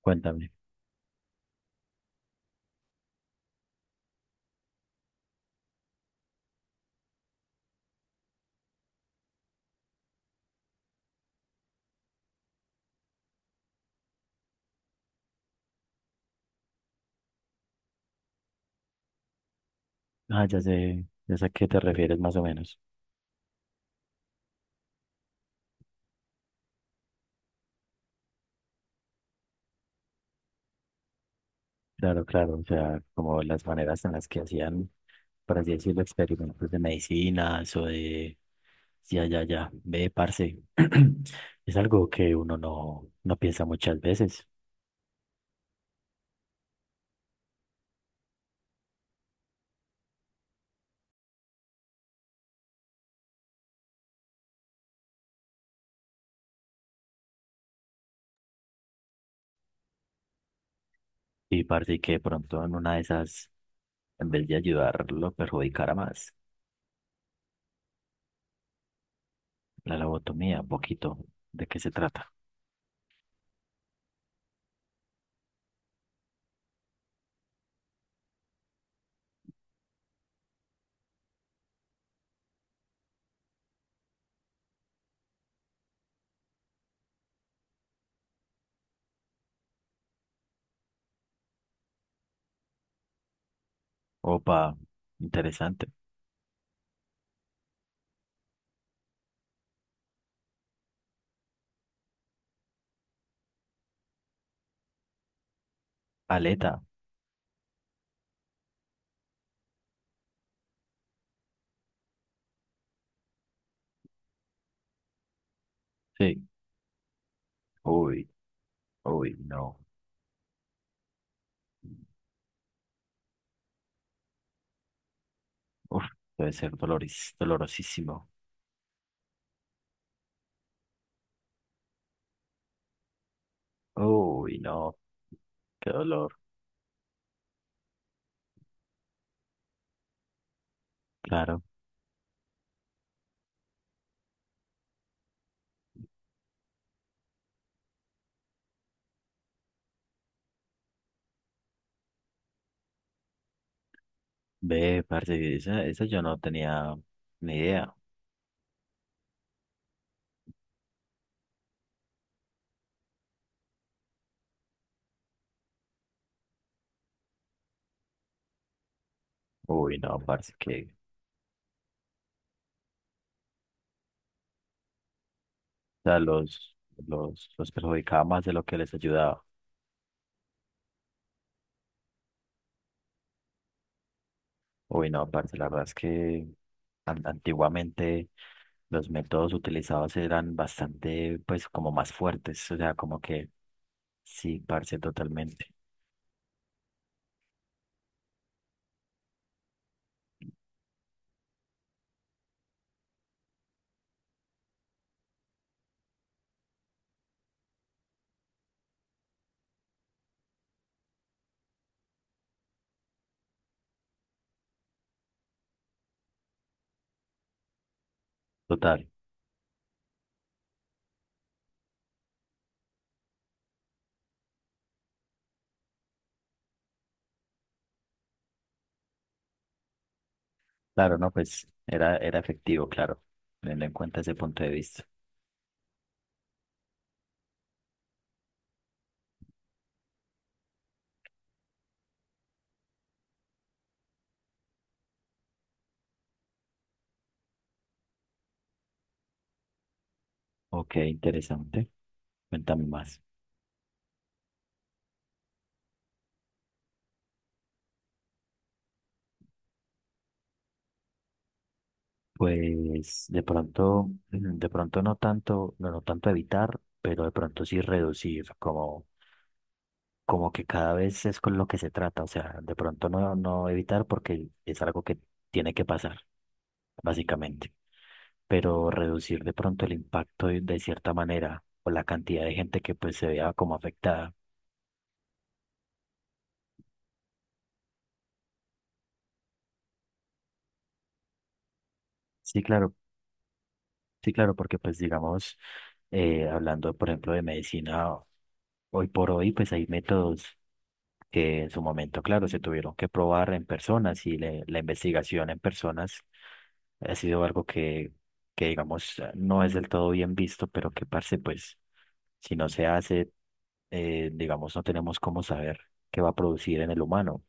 Cuéntame. Ah, ya sé a qué te refieres más o menos. Claro, claro, o sea, como las maneras en las que hacían, por así decirlo, experimentos de medicinas o de. Ya, ya, ya, ve, parce. Es algo que uno no piensa muchas veces y parece que de pronto en una de esas, en vez de ayudarlo, perjudicara más. La lobotomía, un poquito. ¿De qué se trata? Opa, interesante. Aleta, sí. Uy, uy, no. Uf, debe ser dolorosísimo. Uy, no, qué dolor. Claro, ve, parce, esa yo no tenía ni idea. Uy, no, parce, que, o sea, los perjudicaba más de lo que les ayudaba. Uy, no, parce, la verdad es que antiguamente los métodos utilizados eran bastante, pues, como más fuertes, o sea, como que, sí, parce, totalmente. Total, claro, no, pues, era, era efectivo, claro, teniendo en cuenta ese punto de vista. Ok, interesante. Cuéntame más. Pues de pronto, de pronto no tanto, no, no tanto evitar, pero de pronto sí reducir, como, como que cada vez es con lo que se trata. O sea, de pronto no, no evitar porque es algo que tiene que pasar, básicamente. Pero reducir de pronto el impacto de cierta manera o la cantidad de gente que pues se vea como afectada. Sí, claro. Sí, claro, porque pues digamos, hablando por ejemplo de medicina, hoy por hoy pues hay métodos que en su momento, claro, se tuvieron que probar en personas y la investigación en personas ha sido algo que digamos no es del todo bien visto, pero que parce pues si no se hace, digamos no tenemos cómo saber qué va a producir en el humano.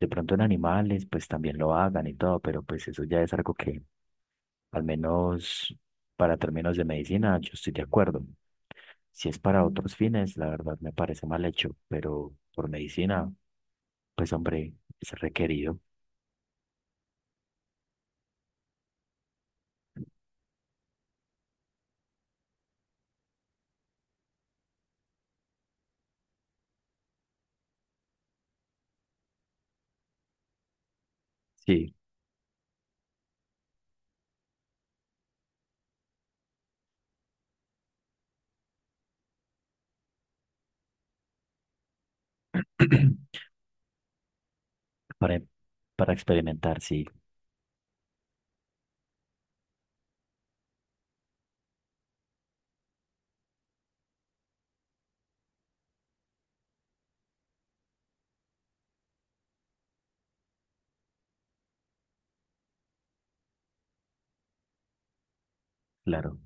De pronto en animales pues también lo hagan y todo, pero pues eso ya es algo que al menos para términos de medicina, yo estoy de acuerdo. Si es para otros fines, la verdad me parece mal hecho, pero por medicina, pues hombre, es requerido. Sí. para, para experimentar, sí, claro.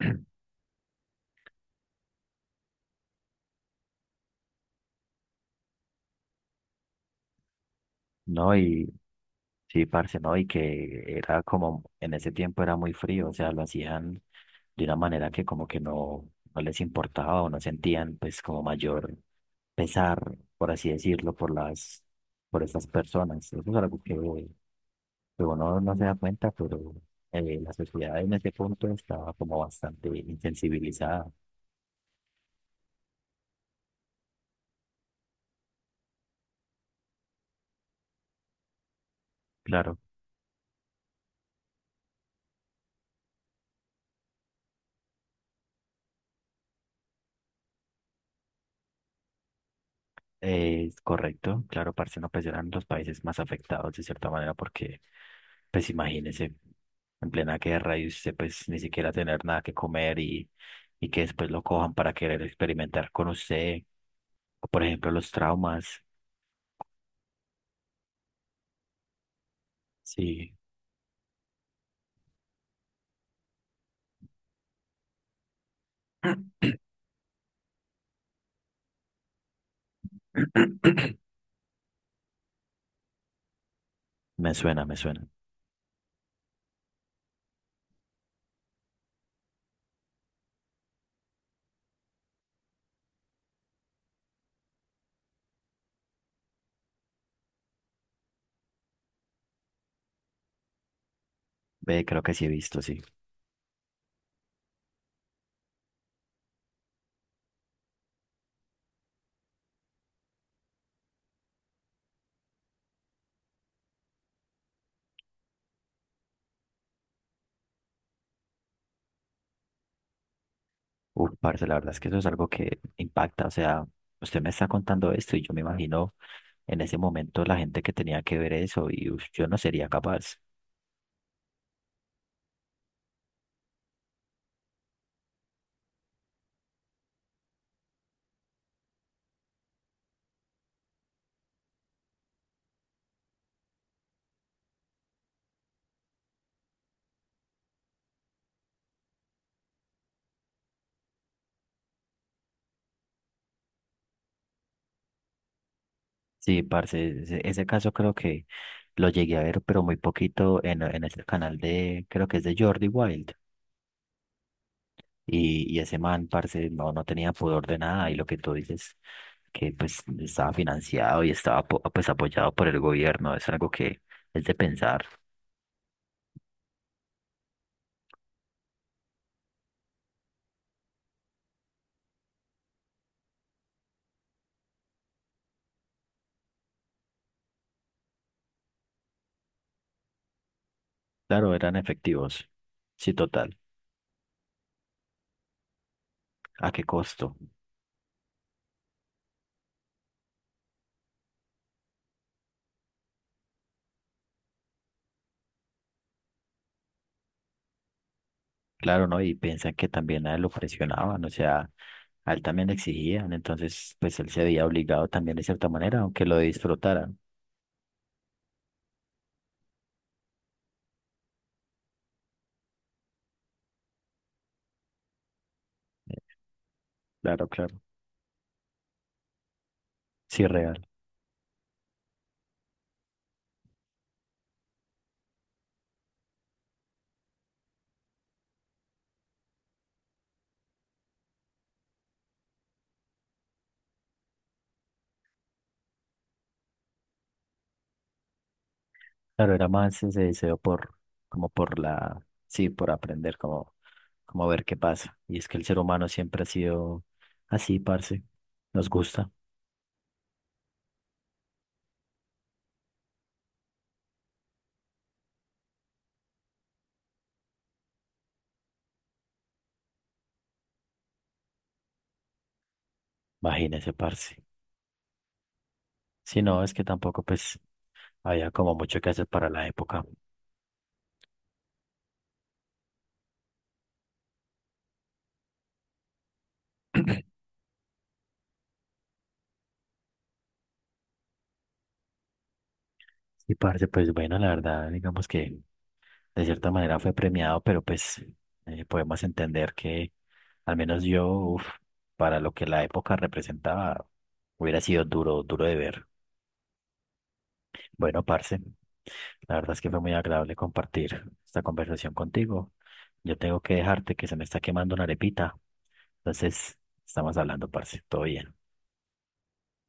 No, y sí, parce, ¿no? Y que era como, en ese tiempo era muy frío, o sea, lo hacían de una manera que como que no, no les importaba o no sentían pues como mayor pesar, por así decirlo, por las, por estas personas. Eso es algo que uno no se da cuenta, pero la sociedad en ese punto estaba como bastante insensibilizada. Claro. Es correcto, claro, parce, no, pues eran los países más afectados de cierta manera porque, pues imagínese, en plena guerra y usted pues ni siquiera tener nada que comer y que después lo cojan para querer experimentar con usted, o por ejemplo los traumas, sí, me suena, ve, creo que sí he visto, sí. Uf, parce, la verdad es que eso es algo que impacta. O sea, usted me está contando esto y yo me imagino en ese momento la gente que tenía que ver eso y uf, yo no sería capaz. Sí, parce, ese caso creo que lo llegué a ver, pero muy poquito en este canal de, creo que es de Jordi Wild. Y ese man, parce, no, no tenía pudor de nada. Y lo que tú dices, que pues estaba financiado y estaba pues apoyado por el gobierno, es algo que es de pensar. Claro, eran efectivos. Sí, total. ¿A qué costo? Claro, ¿no? Y piensan que también a él lo presionaban, o sea, a él también le exigían, entonces pues él se había obligado también de cierta manera, aunque lo disfrutara. Claro, claro. Sí, real. Claro, era más ese deseo por, como por la, sí, por aprender, como, como ver qué pasa. Y es que el ser humano siempre ha sido así, parce. Nos gusta, imagínese, parce. Si no, es que tampoco pues había como mucho que hacer para la época. Y parce, pues bueno, la verdad, digamos que de cierta manera fue premiado, pero pues podemos entender que al menos yo, uf, para lo que la época representaba, hubiera sido duro, duro de ver. Bueno, parce, la verdad es que fue muy agradable compartir esta conversación contigo. Yo tengo que dejarte que se me está quemando una arepita, entonces estamos hablando, parce, todo bien.